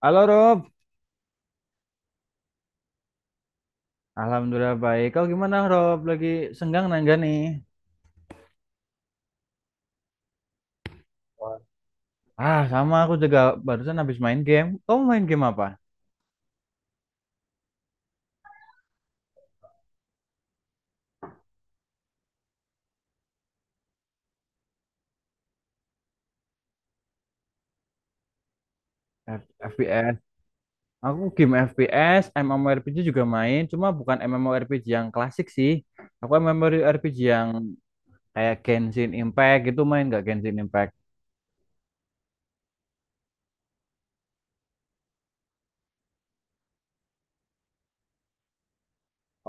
Halo Rob, Alhamdulillah baik. Kau gimana Rob? Lagi senggang nangga nih? Ah, sama aku juga barusan habis main game. Kau main game apa? FPS. Aku game FPS, MMORPG juga main, cuma bukan MMORPG yang klasik sih. Aku MMORPG yang kayak Genshin Impact gitu, main gak Genshin Impact?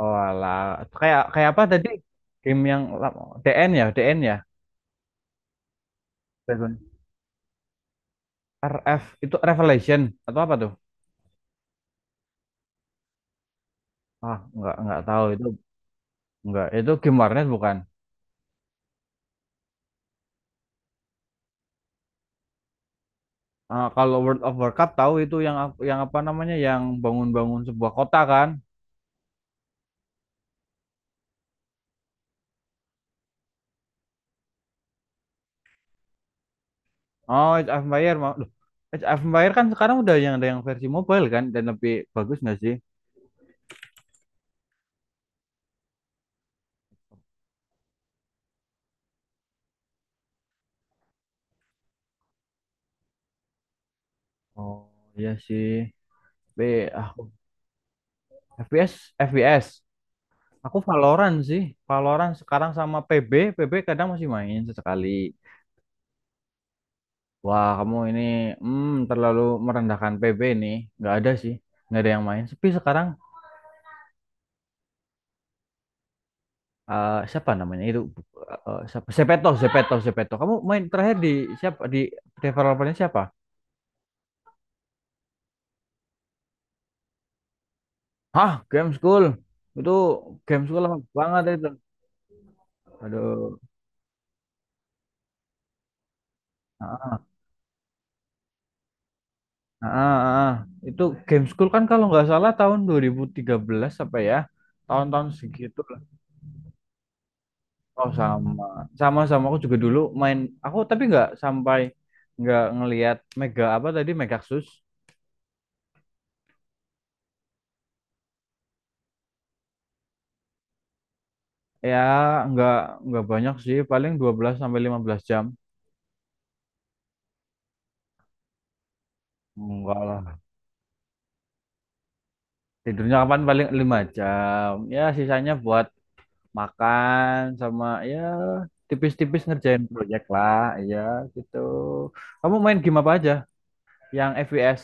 Oh alah, kayak kayak apa tadi? Game yang DN ya, DN ya? Dragon. RF itu Revelation atau apa tuh? Ah, nggak tahu itu. Enggak, itu game warnet bukan. Ah, kalau World of Warcraft tahu itu, yang yang apa namanya, yang bangun-bangun sebuah kota kan? Oh, Age of Empire mau. Loh, Age of Empire kan sekarang udah yang ada yang versi mobile kan, dan lebih bagus nggak sih? Oh, iya sih. Aku FPS FPS. Aku Valorant sih. Valorant sekarang sama PB. PB kadang masih main sesekali. Wah, kamu ini terlalu merendahkan PB nih. Nggak ada sih. Nggak ada yang main. Sepi sekarang. Siapa namanya itu? Siapa? Sepeto Sepeto Sepeto, kamu main terakhir di siapa? Di developernya siapa? Hah, Game School itu. Game School lama banget itu. Aduh, ah, ah, ah, ah. Itu Game School kan kalau nggak salah tahun 2013 apa ya? Tahun-tahun segitu lah. Oh sama. Sama aku juga dulu main. Aku tapi nggak sampai, nggak ngelihat mega apa tadi, Megaxus. Ya, nggak nggak banyak sih, paling 12 sampai 15 jam. Enggak lah. Tidurnya kapan, paling 5 jam. Ya sisanya buat makan, sama ya tipis-tipis ngerjain proyek lah. Iya gitu. Kamu main game apa aja? Yang FPS?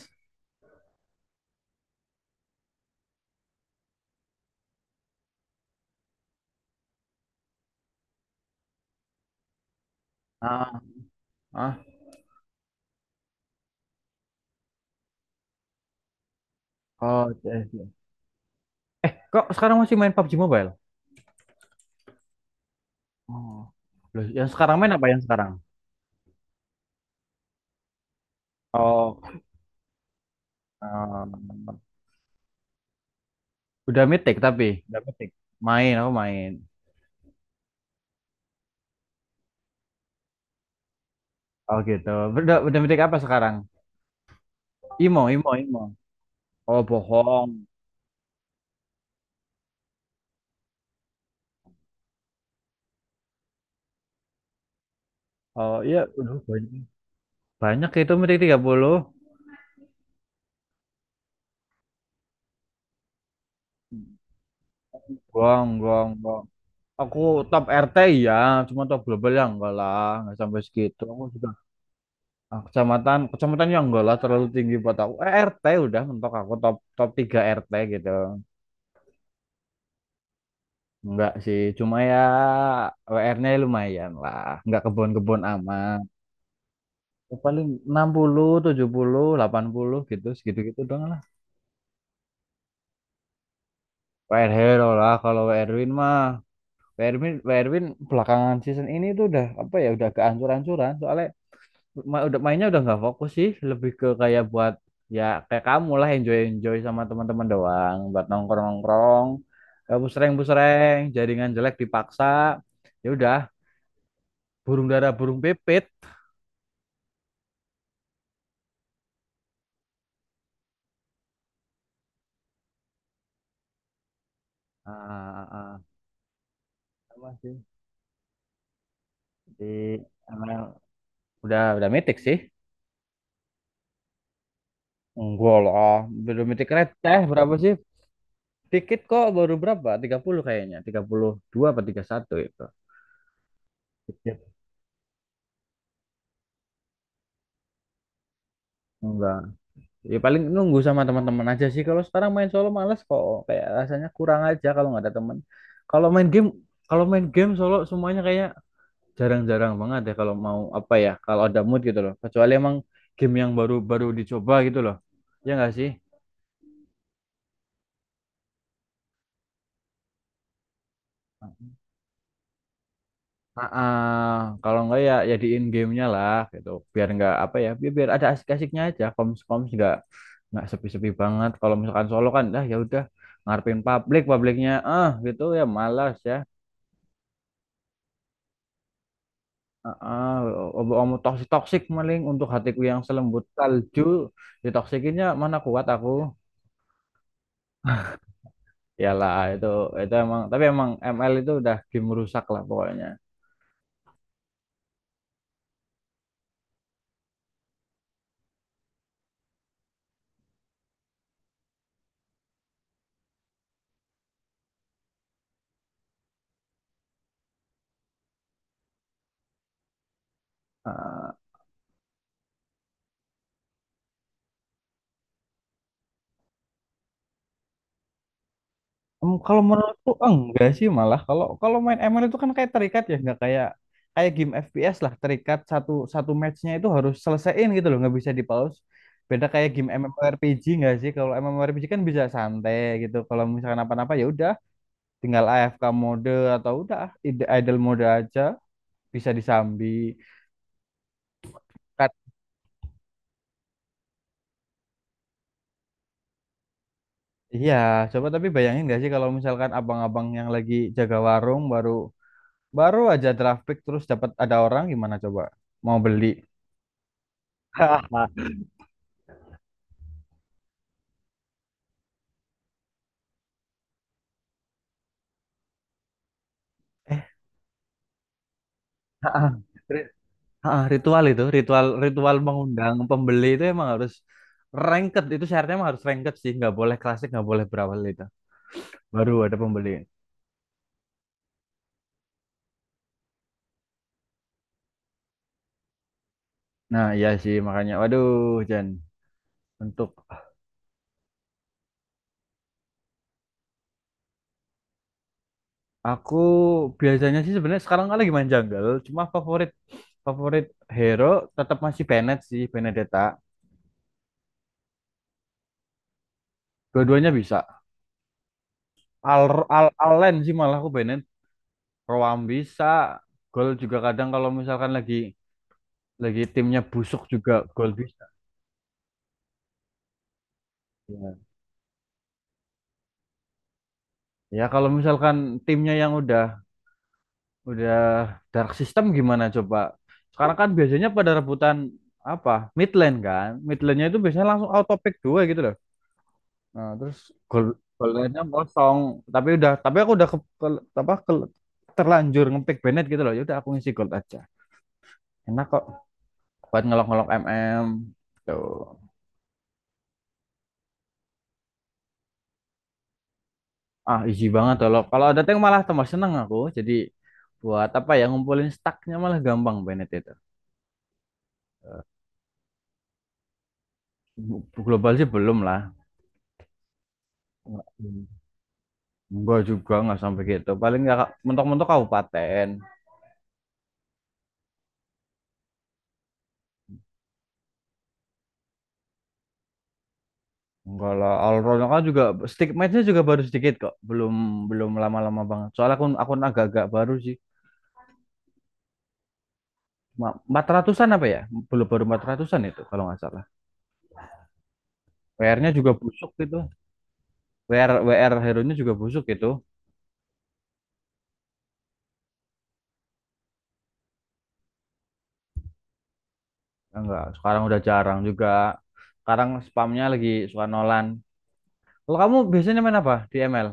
Ah, ah. Oh, CS. Eh, kok sekarang masih main PUBG Mobile? Oh. Loh, yang sekarang main apa, yang sekarang? Oh, em, udah mythic tapi udah mythic. Main, aku main. Oh gitu. Udah mythic apa sekarang? Imo, Imo, Imo. Oh bohong. Oh iya, udah banyak. Banyak itu meeting 30. Gong, gong, gong. Aku top RT ya, cuma top global ya enggak lah, enggak sampai segitu. Aku juga ah, kecamatan yang enggak lah terlalu tinggi buat aku. Eh, RT udah mentok aku, top top 3 RT gitu. Enggak sih, cuma ya WR-nya lumayan lah. Enggak kebon-kebon amat. Ya, paling 60, 70, 80 gitu, segitu-gitu doang lah. WR hero lah, kalau WR win mah. Werwin Werwin belakangan season ini tuh udah apa ya, udah kehancur ancuran, soalnya udah mainnya udah nggak fokus sih, lebih ke kayak buat ya kayak kamu lah, enjoy enjoy sama teman-teman doang, buat nongkrong nongkrong, busreng busreng jaringan jelek dipaksa. Ya udah, burung dara burung pipit. Ah, ah, ah. Sama sih di emang udah mitik sih. Enggak lah, belum mitik receh, berapa sih, dikit kok, baru berapa, 30 kayaknya. 32 apa 31 itu. Enggak. Ya paling nunggu sama teman-teman aja sih. Kalau sekarang main solo males kok. Kayak rasanya kurang aja kalau nggak ada teman. Kalau main game, kalau main game solo semuanya, kayak jarang-jarang banget ya, kalau mau apa ya, kalau ada mood gitu loh. Kecuali emang game yang baru-baru dicoba gitu loh. Ya nggak sih? Ah, ah. Kalau nggak ya di in gamenya lah gitu. Biar nggak apa ya, biar ada asik-asiknya aja. Koms-koms nggak sepi-sepi banget. Kalau misalkan solo kan, dah ya udah ngarepin publik, publiknya ah gitu ya, malas ya. Ah, omonganmu toksik toksik, maling untuk hatiku yang selembut salju, ditoksikinnya mana kuat aku. Yalah, itu emang, tapi emang ML itu udah game rusak lah pokoknya. Ah, kalau menurutku enggak sih, malah kalau kalau main ML itu kan kayak terikat ya, nggak kayak kayak game FPS lah, terikat satu satu matchnya itu harus selesaiin gitu loh, nggak bisa di pause. Beda kayak game MMORPG, nggak sih? Kalau MMORPG kan bisa santai gitu, kalau misalkan apa-apa ya udah tinggal AFK mode, atau udah idle mode aja, bisa disambi. Kat- iya coba, tapi bayangin gak sih kalau misalkan abang-abang yang lagi jaga warung, baru baru aja draft pick terus dapat ada orang, gimana coba mau beli. Eh, ah, ri- ah, ritual itu, ritual ritual mengundang pembeli itu, emang harus ranked, itu syaratnya emang harus ranked sih, nggak boleh klasik, nggak boleh berawal itu. Baru ada pembeli. Nah iya sih, makanya waduh. Jan untuk. Aku biasanya sih sebenarnya sekarang kan lagi main jungle, cuma favorit favorit hero tetap masih Bennett sih, Benedetta. Dua-duanya bisa. Al Al Allen sih malah aku Bennett, Roam bisa, gol juga kadang, kalau misalkan lagi timnya busuk juga gol bisa. Ya. Ya kalau misalkan timnya yang udah dark system gimana coba? Sekarang kan biasanya pada rebutan apa? Mid lane kan. Mid lane-nya itu biasanya langsung auto pick dua gitu loh. Nah, terus gol gol lainnya kosong, tapi udah, tapi aku udah terlanjur ngepick Bennett gitu loh. Ya udah, aku ngisi gol aja. Enak kok buat ngelok-ngelok MM. Tuh. Ah, easy banget loh. Kalau ada tank malah tambah seneng aku. Jadi buat apa ya, ngumpulin stacknya malah gampang Bennett itu. Global sih belum lah. Enggak juga, nggak sampai gitu. Paling nggak mentok-mentok kabupaten. Enggak lah, Alron kan juga stick match-nya juga baru sedikit kok. Belum belum lama-lama banget. Soalnya akun akun agak-agak baru sih. Cuma 400-an apa ya? Belum, baru 400-an itu kalau nggak salah. WR-nya juga busuk gitu. WR WR hero-nya juga busuk gitu. Enggak, sekarang udah jarang juga. Sekarang spamnya lagi suka nolan. Kalau kamu biasanya main apa di ML?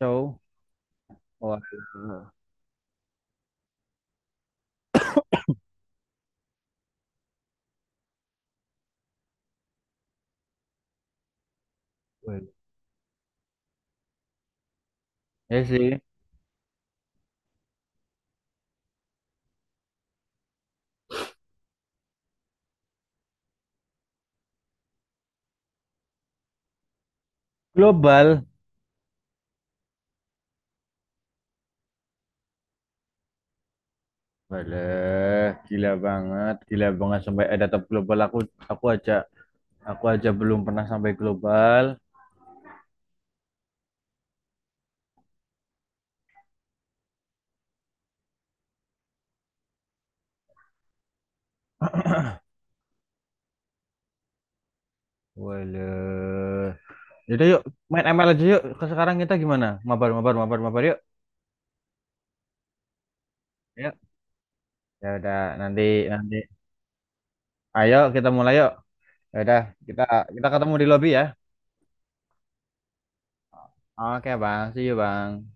Cow. Wah. Ya sih. Global. Waduh, gila banget sampai ada tab global. Aku aku aja Aku aja belum pernah sampai global. Waduh. Yaudah yuk, main ML aja yuk. Sekarang kita gimana? Mabar, mabar, mabar, mabar yuk. Yuk. Ya udah, nanti nanti. Ayo kita mulai yuk. Ya udah, kita kita ketemu di lobby ya. Oke, Bang. See you, Bang.